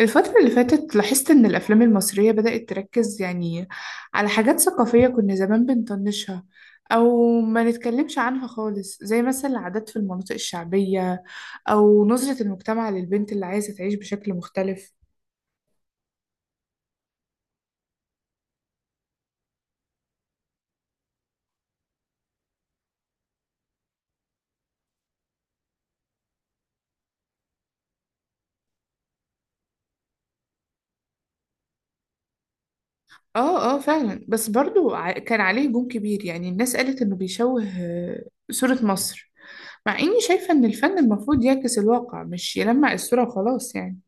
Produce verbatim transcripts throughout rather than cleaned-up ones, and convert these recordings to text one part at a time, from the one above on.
الفترة اللي فاتت لاحظت إن الأفلام المصرية بدأت تركز يعني على حاجات ثقافية كنا زمان بنطنشها أو ما نتكلمش عنها خالص، زي مثلا العادات في المناطق الشعبية أو نظرة المجتمع للبنت اللي عايزة تعيش بشكل مختلف. آه آه، فعلا. بس برضو ع- كان عليه هجوم كبير، يعني الناس قالت إنه بيشوه آه، صورة مصر. مع إني شايفة إن الفن المفروض يعكس الواقع مش يلمع الصورة وخلاص يعني.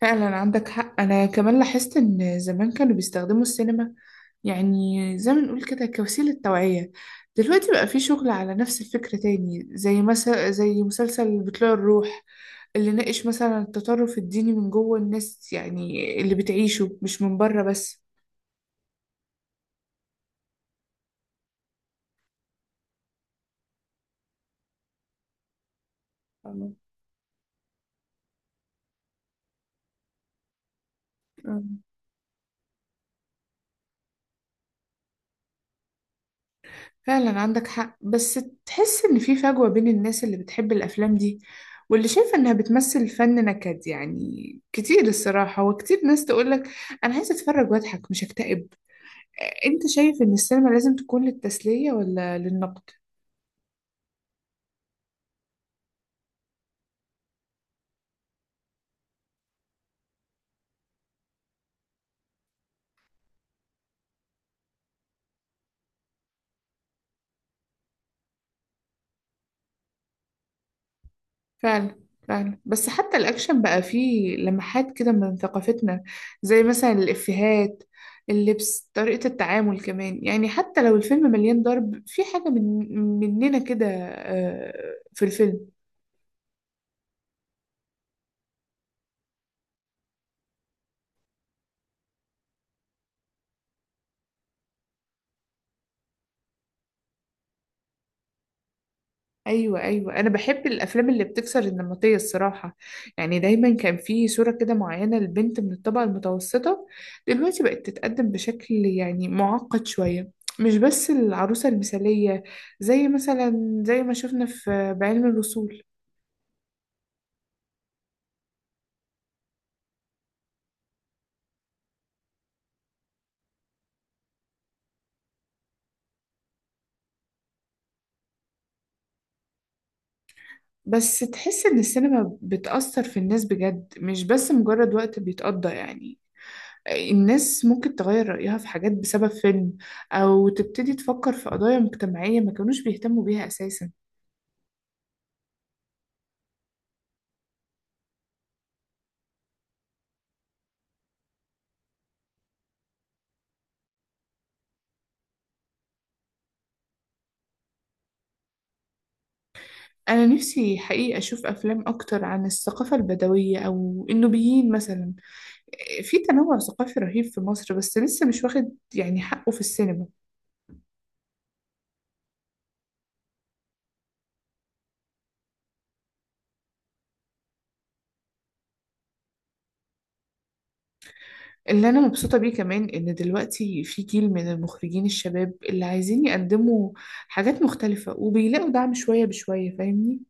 فعلا عندك حق. أنا كمان لاحظت إن زمان كانوا بيستخدموا السينما يعني زي ما نقول كده كوسيلة توعية. دلوقتي بقى في شغل على نفس الفكرة تاني، زي مثلا زي مسلسل بطلوع الروح اللي ناقش مثلا التطرف الديني من جوه الناس، يعني اللي بتعيشه مش من بره بس. فاهمة؟ فعلا عندك حق. بس تحس إن في فجوة بين الناس اللي بتحب الأفلام دي واللي شايفة إنها بتمثل فن نكد، يعني كتير الصراحة. وكتير ناس تقولك أنا عايزة أتفرج وأضحك مش أكتئب. أنت شايف إن السينما لازم تكون للتسلية ولا للنقد؟ فعلا فعلا. بس حتى الأكشن بقى فيه لمحات كده من ثقافتنا، زي مثلا الإفيهات، اللبس، طريقة التعامل كمان. يعني حتى لو الفيلم مليان ضرب، في حاجة من مننا كده آه، في الفيلم. ايوه ايوه، انا بحب الافلام اللي بتكسر النمطيه الصراحه. يعني دايما كان في صوره كده معينه لبنت من الطبقه المتوسطه، دلوقتي بقت تتقدم بشكل يعني معقد شويه، مش بس العروسه المثاليه، زي مثلا زي ما شفنا في بعلم الوصول. بس تحس ان السينما بتأثر في الناس بجد، مش بس مجرد وقت بيتقضى. يعني الناس ممكن تغير رأيها في حاجات بسبب فيلم، أو تبتدي تفكر في قضايا مجتمعية ما كانوش بيهتموا بيها أساسا. أنا نفسي حقيقة أشوف أفلام أكتر عن الثقافة البدوية أو النوبيين مثلا. في تنوع ثقافي رهيب في مصر، بس لسه مش واخد يعني حقه في السينما. اللي أنا مبسوطة بيه كمان إن دلوقتي في جيل من المخرجين الشباب اللي عايزين يقدموا حاجات مختلفة وبيلاقوا دعم شوية بشوية، فاهمني.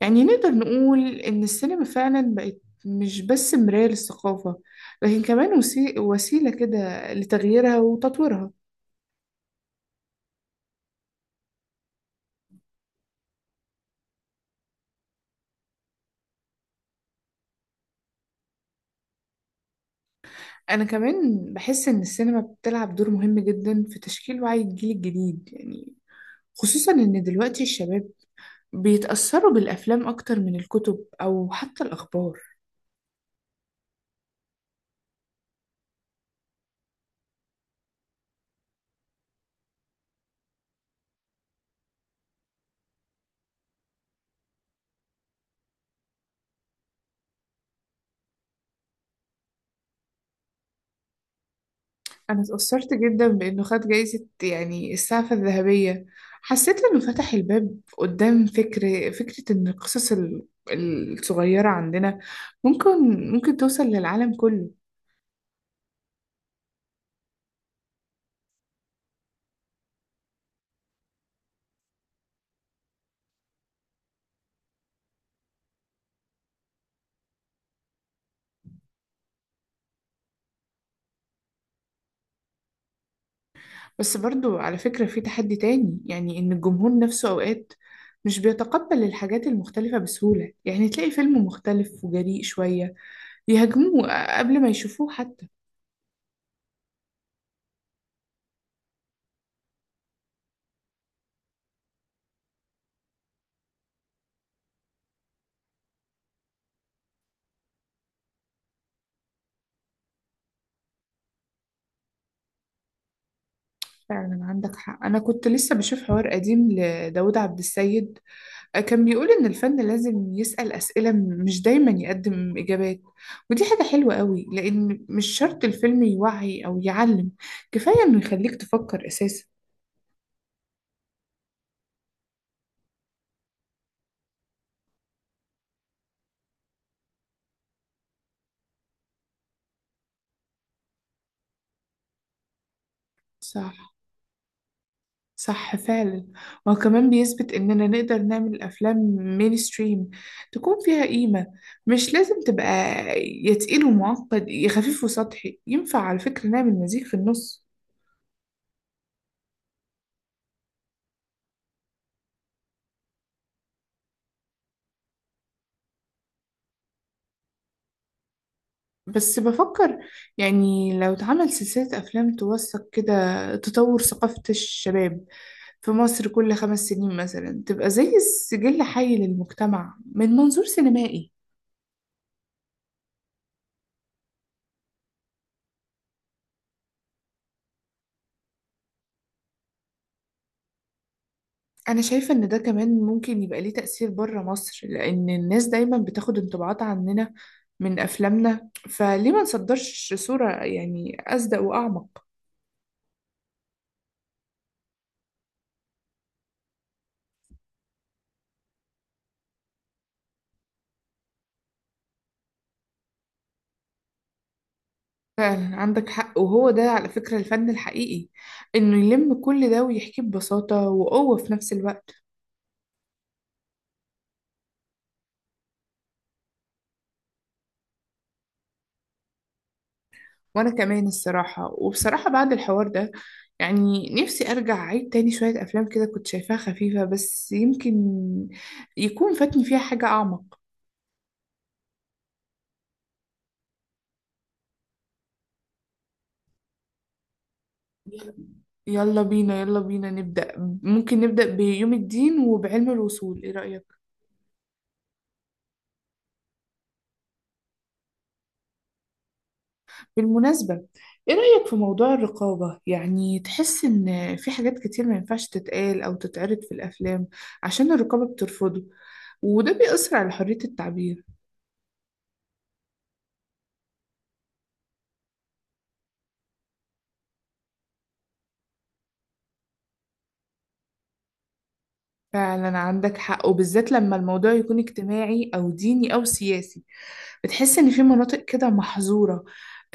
يعني نقدر نقول إن السينما فعلا بقت مش بس مراية للثقافة، لكن كمان وسي- وسيلة كده لتغييرها وتطويرها. أنا كمان بحس إن السينما بتلعب دور مهم جدا في تشكيل وعي الجيل الجديد، يعني خصوصا إن دلوقتي الشباب بيتأثروا بالأفلام أكتر من الكتب أو حتى الأخبار. أنا اتأثرت جدا بإنه خد جايزة يعني السعفة الذهبية. حسيت إنه فتح الباب قدام فكر فكرة إن القصص ال- الصغيرة عندنا ممكن ممكن توصل للعالم كله. بس برضو على فكرة في تحدي تاني، يعني إن الجمهور نفسه أوقات مش بيتقبل الحاجات المختلفة بسهولة. يعني تلاقي فيلم مختلف وجريء شوية يهاجموه قبل ما يشوفوه حتى. فعلا عندك حق. أنا كنت لسه بشوف حوار قديم لداود عبد السيد، كان بيقول إن الفن لازم يسأل أسئلة مش دايما يقدم إجابات. ودي حاجة حلوة قوي، لأن مش شرط الفيلم يوعي أو يعلم، كفاية إنه يخليك تفكر أساسا. صح. صح فعلا. وهو كمان بيثبت إننا نقدر نعمل أفلام مينستريم تكون فيها قيمة، مش لازم تبقى يا تقيل ومعقد يا خفيف وسطحي. ينفع على فكرة نعمل مزيج في النص. بس بفكر، يعني لو اتعمل سلسلة أفلام توثق كده تطور ثقافة الشباب في مصر كل خمس سنين مثلا، تبقى زي سجل حي للمجتمع من منظور سينمائي. أنا شايفة إن ده كمان ممكن يبقى ليه تأثير بره مصر، لأن الناس دايما بتاخد انطباعات عننا من أفلامنا. فليه ما نصدرش صورة يعني أصدق وأعمق. فعلا عندك حق. وهو ده على فكرة الفن الحقيقي، إنه يلم كل ده ويحكيه ببساطة وقوة في نفس الوقت. وأنا كمان الصراحة، وبصراحة بعد الحوار ده، يعني نفسي أرجع أعيد تاني شوية أفلام كده كنت شايفاها خفيفة، بس يمكن يكون فاتني فيها حاجة أعمق. يلا بينا يلا بينا نبدأ. ممكن نبدأ بيوم الدين وبعلم الوصول. ايه رأيك؟ بالمناسبة، ايه رأيك في موضوع الرقابة؟ يعني تحس ان في حاجات كتير ما ينفعش تتقال او تتعرض في الافلام عشان الرقابة بترفضه، وده بيأثر على حرية التعبير. فعلا عندك حق، وبالذات لما الموضوع يكون اجتماعي او ديني او سياسي. بتحس ان في مناطق كده محظورة،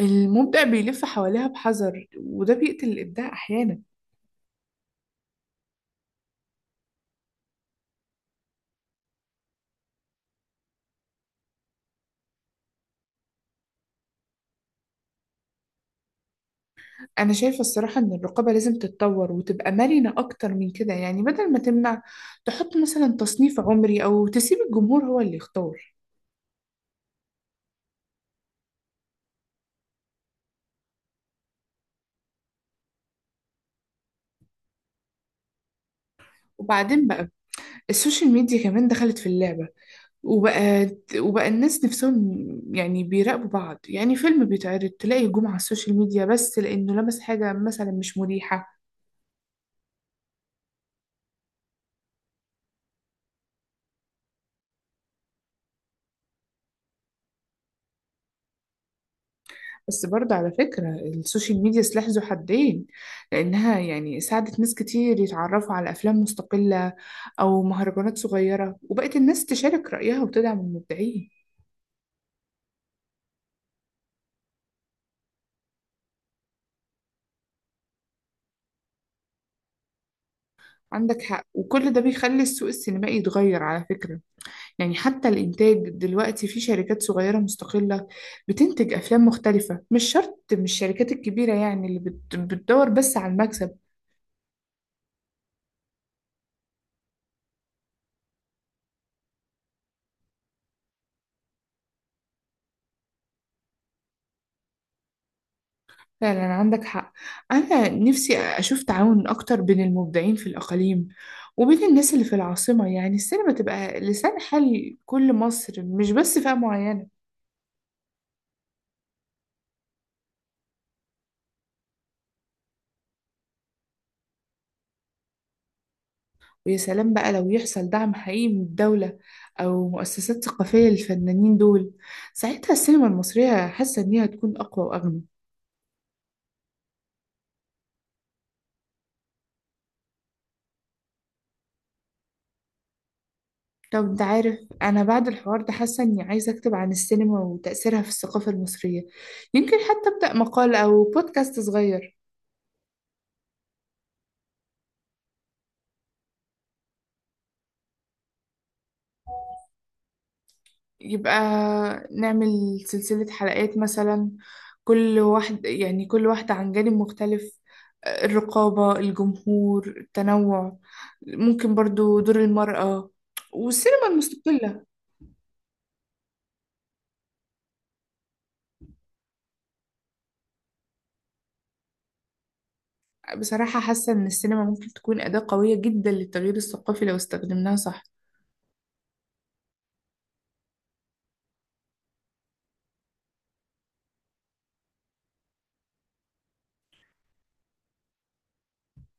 المبدع بيلف حواليها بحذر، وده بيقتل الابداع احيانا. أنا شايفة الصراحة إن الرقابة لازم تتطور وتبقى مرنة أكتر من كده. يعني بدل ما تمنع، تحط مثلا تصنيف عمري أو تسيب الجمهور هو اللي يختار. وبعدين بقى السوشيال ميديا كمان دخلت في اللعبة، وبقى وبقى الناس نفسهم يعني بيراقبوا بعض. يعني فيلم بيتعرض تلاقي هجوم على السوشيال ميديا بس لأنه لمس حاجة مثلا مش مريحة. بس برضه على فكرة السوشيال ميديا سلاح ذو حدين، لأنها يعني ساعدت ناس كتير يتعرفوا على أفلام مستقلة أو مهرجانات صغيرة، وبقت الناس تشارك رأيها وتدعم المبدعين. عندك حق. وكل ده بيخلي السوق السينمائي يتغير على فكرة. يعني حتى الإنتاج دلوقتي في شركات صغيرة مستقلة بتنتج أفلام مختلفة، مش شرط مش الشركات الكبيرة يعني اللي بت- بتدور بس على المكسب. فعلا عندك حق. أنا نفسي أشوف تعاون أكتر بين المبدعين في الأقاليم وبين الناس اللي في العاصمة. يعني السينما تبقى لسان حال كل مصر مش بس فئة معينة. ويا سلام بقى لو يحصل دعم حقيقي من الدولة أو مؤسسات ثقافية للفنانين دول. ساعتها السينما المصرية حاسة إنها تكون أقوى وأغنى. طب أنت عارف، أنا بعد الحوار ده حاسة إني عايزة أكتب عن السينما وتأثيرها في الثقافة المصرية. يمكن حتى أبدأ مقال أو بودكاست صغير. يبقى نعمل سلسلة حلقات مثلا، كل واحد يعني كل واحدة عن جانب مختلف: الرقابة، الجمهور، التنوع. ممكن برضو دور المرأة والسينما المستقلة. بصراحة حاسة إن السينما ممكن تكون أداة قوية جدا للتغيير الثقافي لو استخدمناها صح.